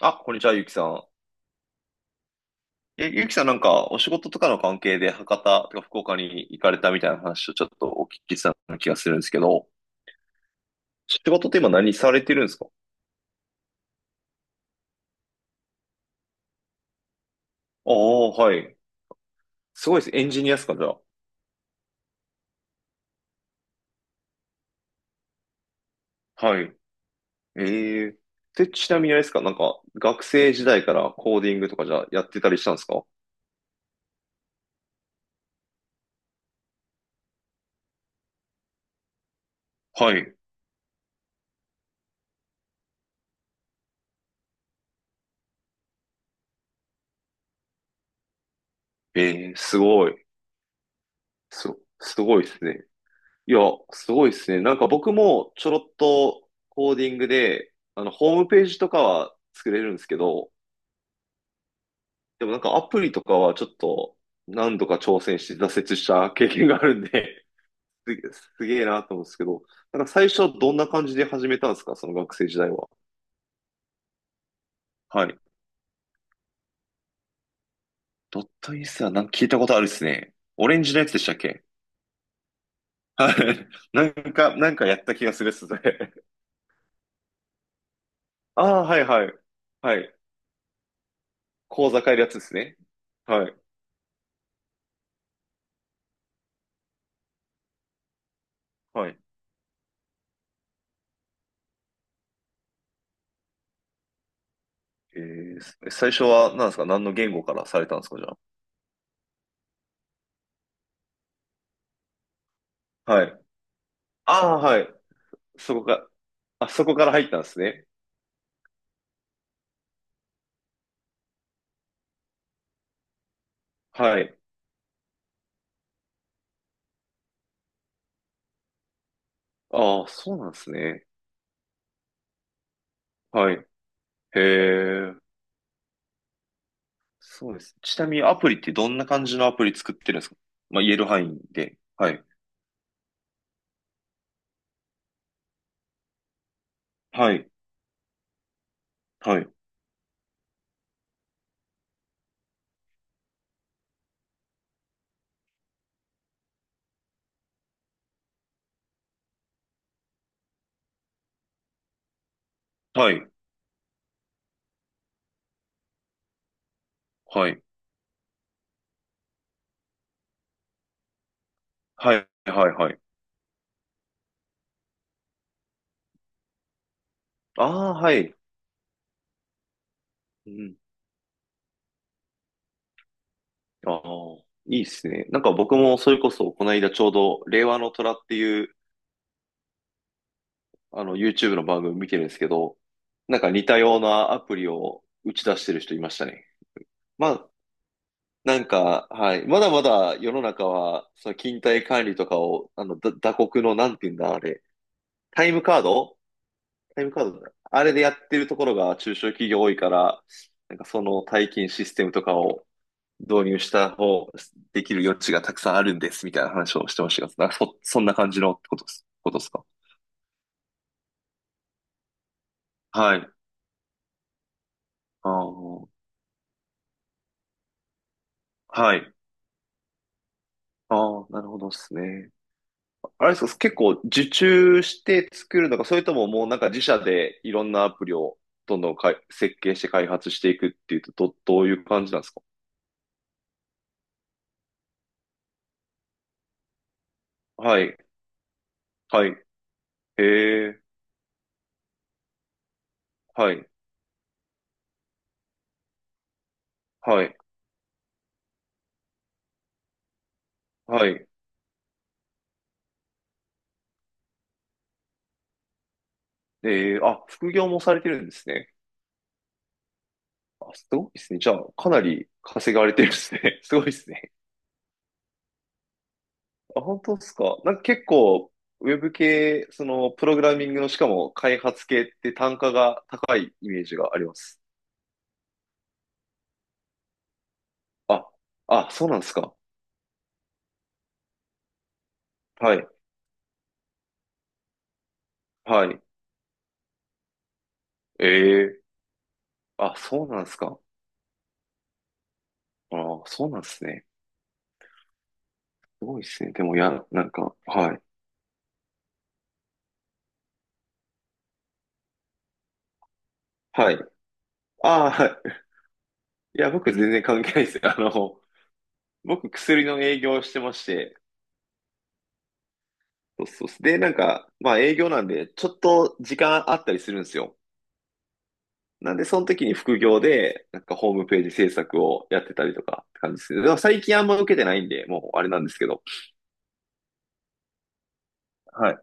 あ、こんにちは、ゆうきさん。ゆうきさんお仕事とかの関係で博多とか福岡に行かれたみたいな話をちょっとお聞きしたような気がするんですけど、仕事って今何されてるんですか？ああ、はい。すごいです。エンジニアですか、じゃあ。はい。ええで、ちなみにあれですか、学生時代からコーディングとかじゃあやってたりしたんですか？はい。えすごい。す、すごいですね。いや、すごいですね。なんか僕もちょろっとコーディングで、ホームページとかは作れるんですけど、でもなんかアプリとかはちょっと何度か挑戦して挫折した経験があるんで、すげえなと思うんですけど、なんか最初どんな感じで始めたんですかその学生時代は。はい。ドットインスはなんか聞いたことあるですね。オレンジのやつでしたっけ？はい。なんかやった気がするっすね。ああ、はいはい。はい。講座変えるやつですね。はい。はい。最初は何ですか？何の言語からされたんですかじゃあ？はい。ああ、はい。そこか、あ、そこから入ったんですね。はい。ああ、そうなんですね。はい。へえ。そうです。ちなみにアプリってどんな感じのアプリ作ってるんですか？まあ、言える範囲で。はい。はい。はい。はい。はい。はい。はい。はい。ああ、はい。うん。ああ、いいですね。なんか僕もそれこそ、この間ちょうど、令和の虎っていう、あの、YouTube の番組見てるんですけど、なんか似たようなアプリを打ち出してる人いましたね。まあ、なんか、はい。まだまだ世の中は、その勤怠管理とかを、あの、打刻の、なんて言うんだ、あれ。タイムカード。タイムカードだあれでやってるところが中小企業多いから、なんかその退勤システムとかを導入した方、できる余地がたくさんあるんです、みたいな話をしてましたが、そんな感じのことですか？はい。ああ、はい。ああ、なるほどですね。あれですか、結構受注して作るのか、それとももうなんか自社でいろんなアプリをどんどん設計して開発していくっていうと、どういう感じなんですか？はい、はい、へえ、はい、はい、はい。えあ、副業もされてるんですね。あ、すごいですね。じゃあ、かなり稼がれてるですね。すごいですね。あ、本当ですか。なんか結構、ウェブ系、その、プログラミングの、しかも開発系って単価が高いイメージがあります。あ、あ、そうなんですか。はい。はい。ええあ、そうなんですか。ああ、そうなんですね。すごいですね。でも、いや、なんか、はい。はい。ああ、はい。いや、僕全然関係ないです。あの、僕薬の営業をしてまして、そうそうそう。で、なんか、まあ営業なんで、ちょっと時間あったりするんですよ。なんで、その時に副業で、なんかホームページ制作をやってたりとかって感じですね。でも最近あんま受けてないんで、もうあれなんですけど。はい。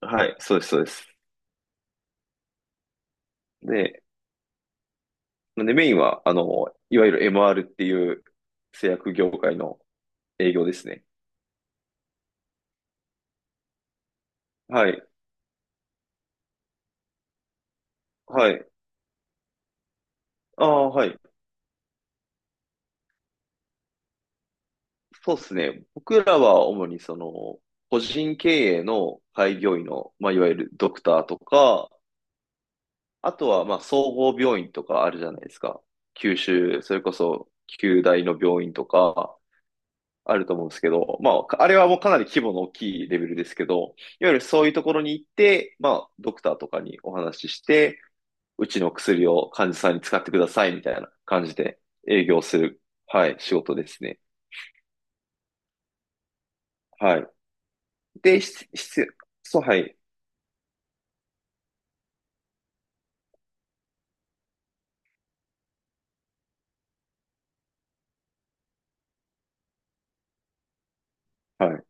はい。そうです、そうです。で、なんでメインは、あの、いわゆる MR っていう製薬業界の営業ですね。はい。はい。ああ、はい。そうですね。僕らは主にその、個人経営の開業医の、まあ、いわゆるドクターとか、あとは、まあ、総合病院とかあるじゃないですか。九州、それこそ、九大の病院とか、あると思うんですけど、まあ、あれはもうかなり規模の大きいレベルですけど、いわゆるそういうところに行って、まあ、ドクターとかにお話しして、うちの薬を患者さんに使ってくださいみたいな感じで営業する、はい、仕事ですね。はい。で、し必要、そう、はい、はい。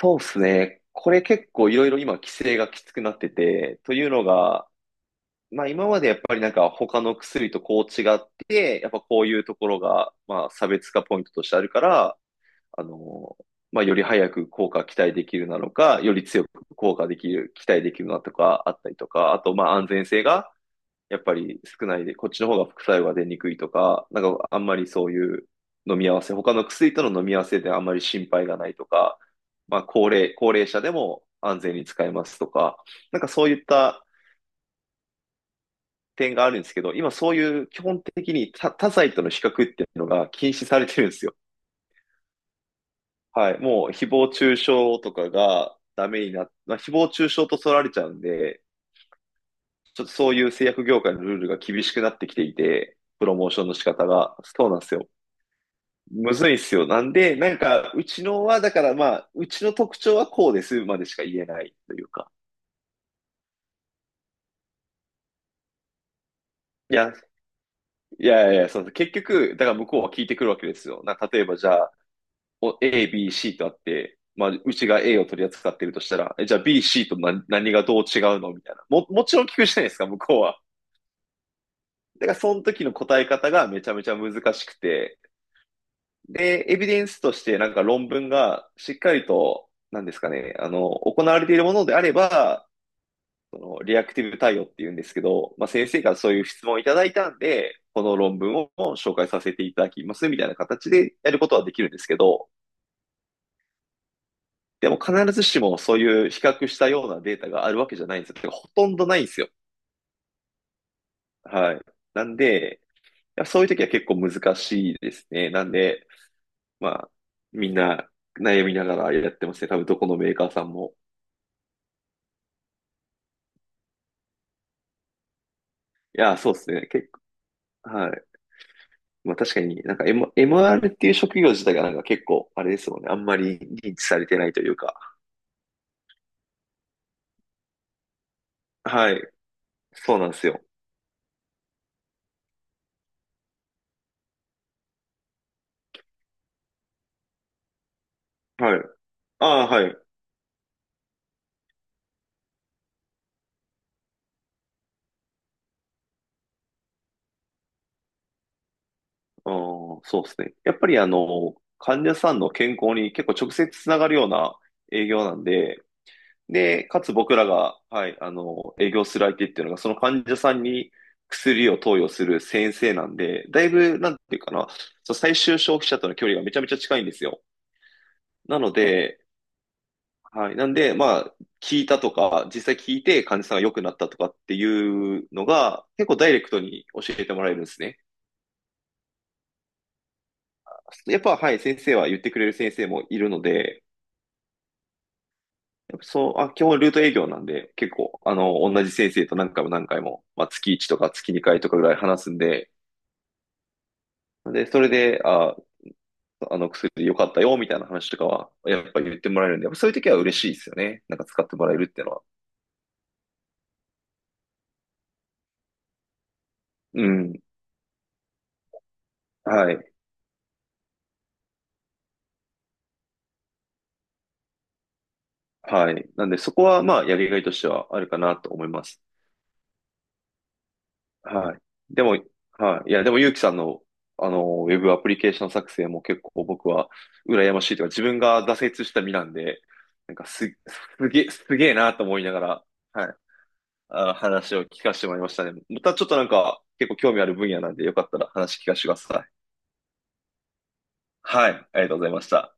そうですね。これ結構いろいろ今規制がきつくなってて、というのが、まあ今までやっぱりなんか他の薬とこう違って、やっぱこういうところが、まあ差別化ポイントとしてあるから、あの、まあより早く効果期待できるなのか、より強く効果できる、期待できるなとかあったりとか、あとまあ安全性が、やっぱり少ないで、こっちの方が副作用が出にくいとか、なんかあんまりそういう飲み合わせ、他の薬との飲み合わせであんまり心配がないとか、高齢者でも安全に使えますとか、なんかそういった点があるんですけど、今そういう基本的に他剤との比較っていうのが禁止されてるんですよ。はい。もう誹謗中傷とかがダメになっ、まあ、誹謗中傷と取られちゃうんで、ちょっとそういう製薬業界のルールが厳しくなってきていて、プロモーションの仕方が。そうなんですよ。むずいっすよ。なんで、なんか、うちのは、だからまあ、うちの特徴はこうですまでしか言えないというか。いや、いやいや、そう、結局、だから向こうは聞いてくるわけですよ。例えばじゃあ、A、B、C とあって、まあ、うちが A を取り扱ってるとしたら、え、じゃあ B、C と何がどう違うのみたいな。もちろん聞くじゃないですか、向こうは。だから、その時の答え方がめちゃめちゃ難しくて、で、エビデンスとしてなんか論文がしっかりと、なんですかね、あの、行われているものであれば、そのリアクティブ対応っていうんですけど、まあ、先生からそういう質問をいただいたんで、この論文を紹介させていただきますみたいな形でやることはできるんですけど、でも必ずしもそういう比較したようなデータがあるわけじゃないんですよ。てかほとんどないんですよ。はい。なんで、そういう時は結構難しいですね。なんで、まあ、みんな悩みながらやってますね。多分どこのメーカーさんも。いや、そうですね。結構、はい。まあ確かになんか、ー r っていう職業自体がなんか結構、あれですもんね。あんまり認知されてないというか。はい。そうなんですよ。はい。ああ、はい。ああ、そうですね。やっぱりあの、患者さんの健康に結構直接つながるような営業なんで、で、かつ僕らが、はい、あの、営業する相手っていうのが、その患者さんに薬を投与する先生なんで、だいぶ、なんていうかな、そう最終消費者との距離がめちゃめちゃ近いんですよ。なので、はい。なんで、まあ、聞いたとか、実際聞いて患者さんが良くなったとかっていうのが、結構ダイレクトに教えてもらえるんですね。やっぱ、はい、先生は言ってくれる先生もいるので、やっぱそう、あ、基本ルート営業なんで、結構、あの、同じ先生と何回も何回も、まあ、月月1とか月月2回とかぐらい話すんで、で、それで、あ、あの薬良かったよ、みたいな話とかは、やっぱ言ってもらえるんで、やっぱそういう時は嬉しいですよね。なんか使ってもらえるっていうのは。うん。はい。はい。なんで、そこは、まあ、やりがいとしてはあるかなと思います。はい。でも、はい。いや、でも、ゆうきさんの、あの、ウェブアプリケーション作成も結構僕は、羨ましいというか、自分が挫折した身なんで、なんかす、すげえなと思いながら、はい。あ、話を聞かせてもらいましたね。またちょっとなんか、結構興味ある分野なんで、よかったら話聞かせてください。はい。ありがとうございました。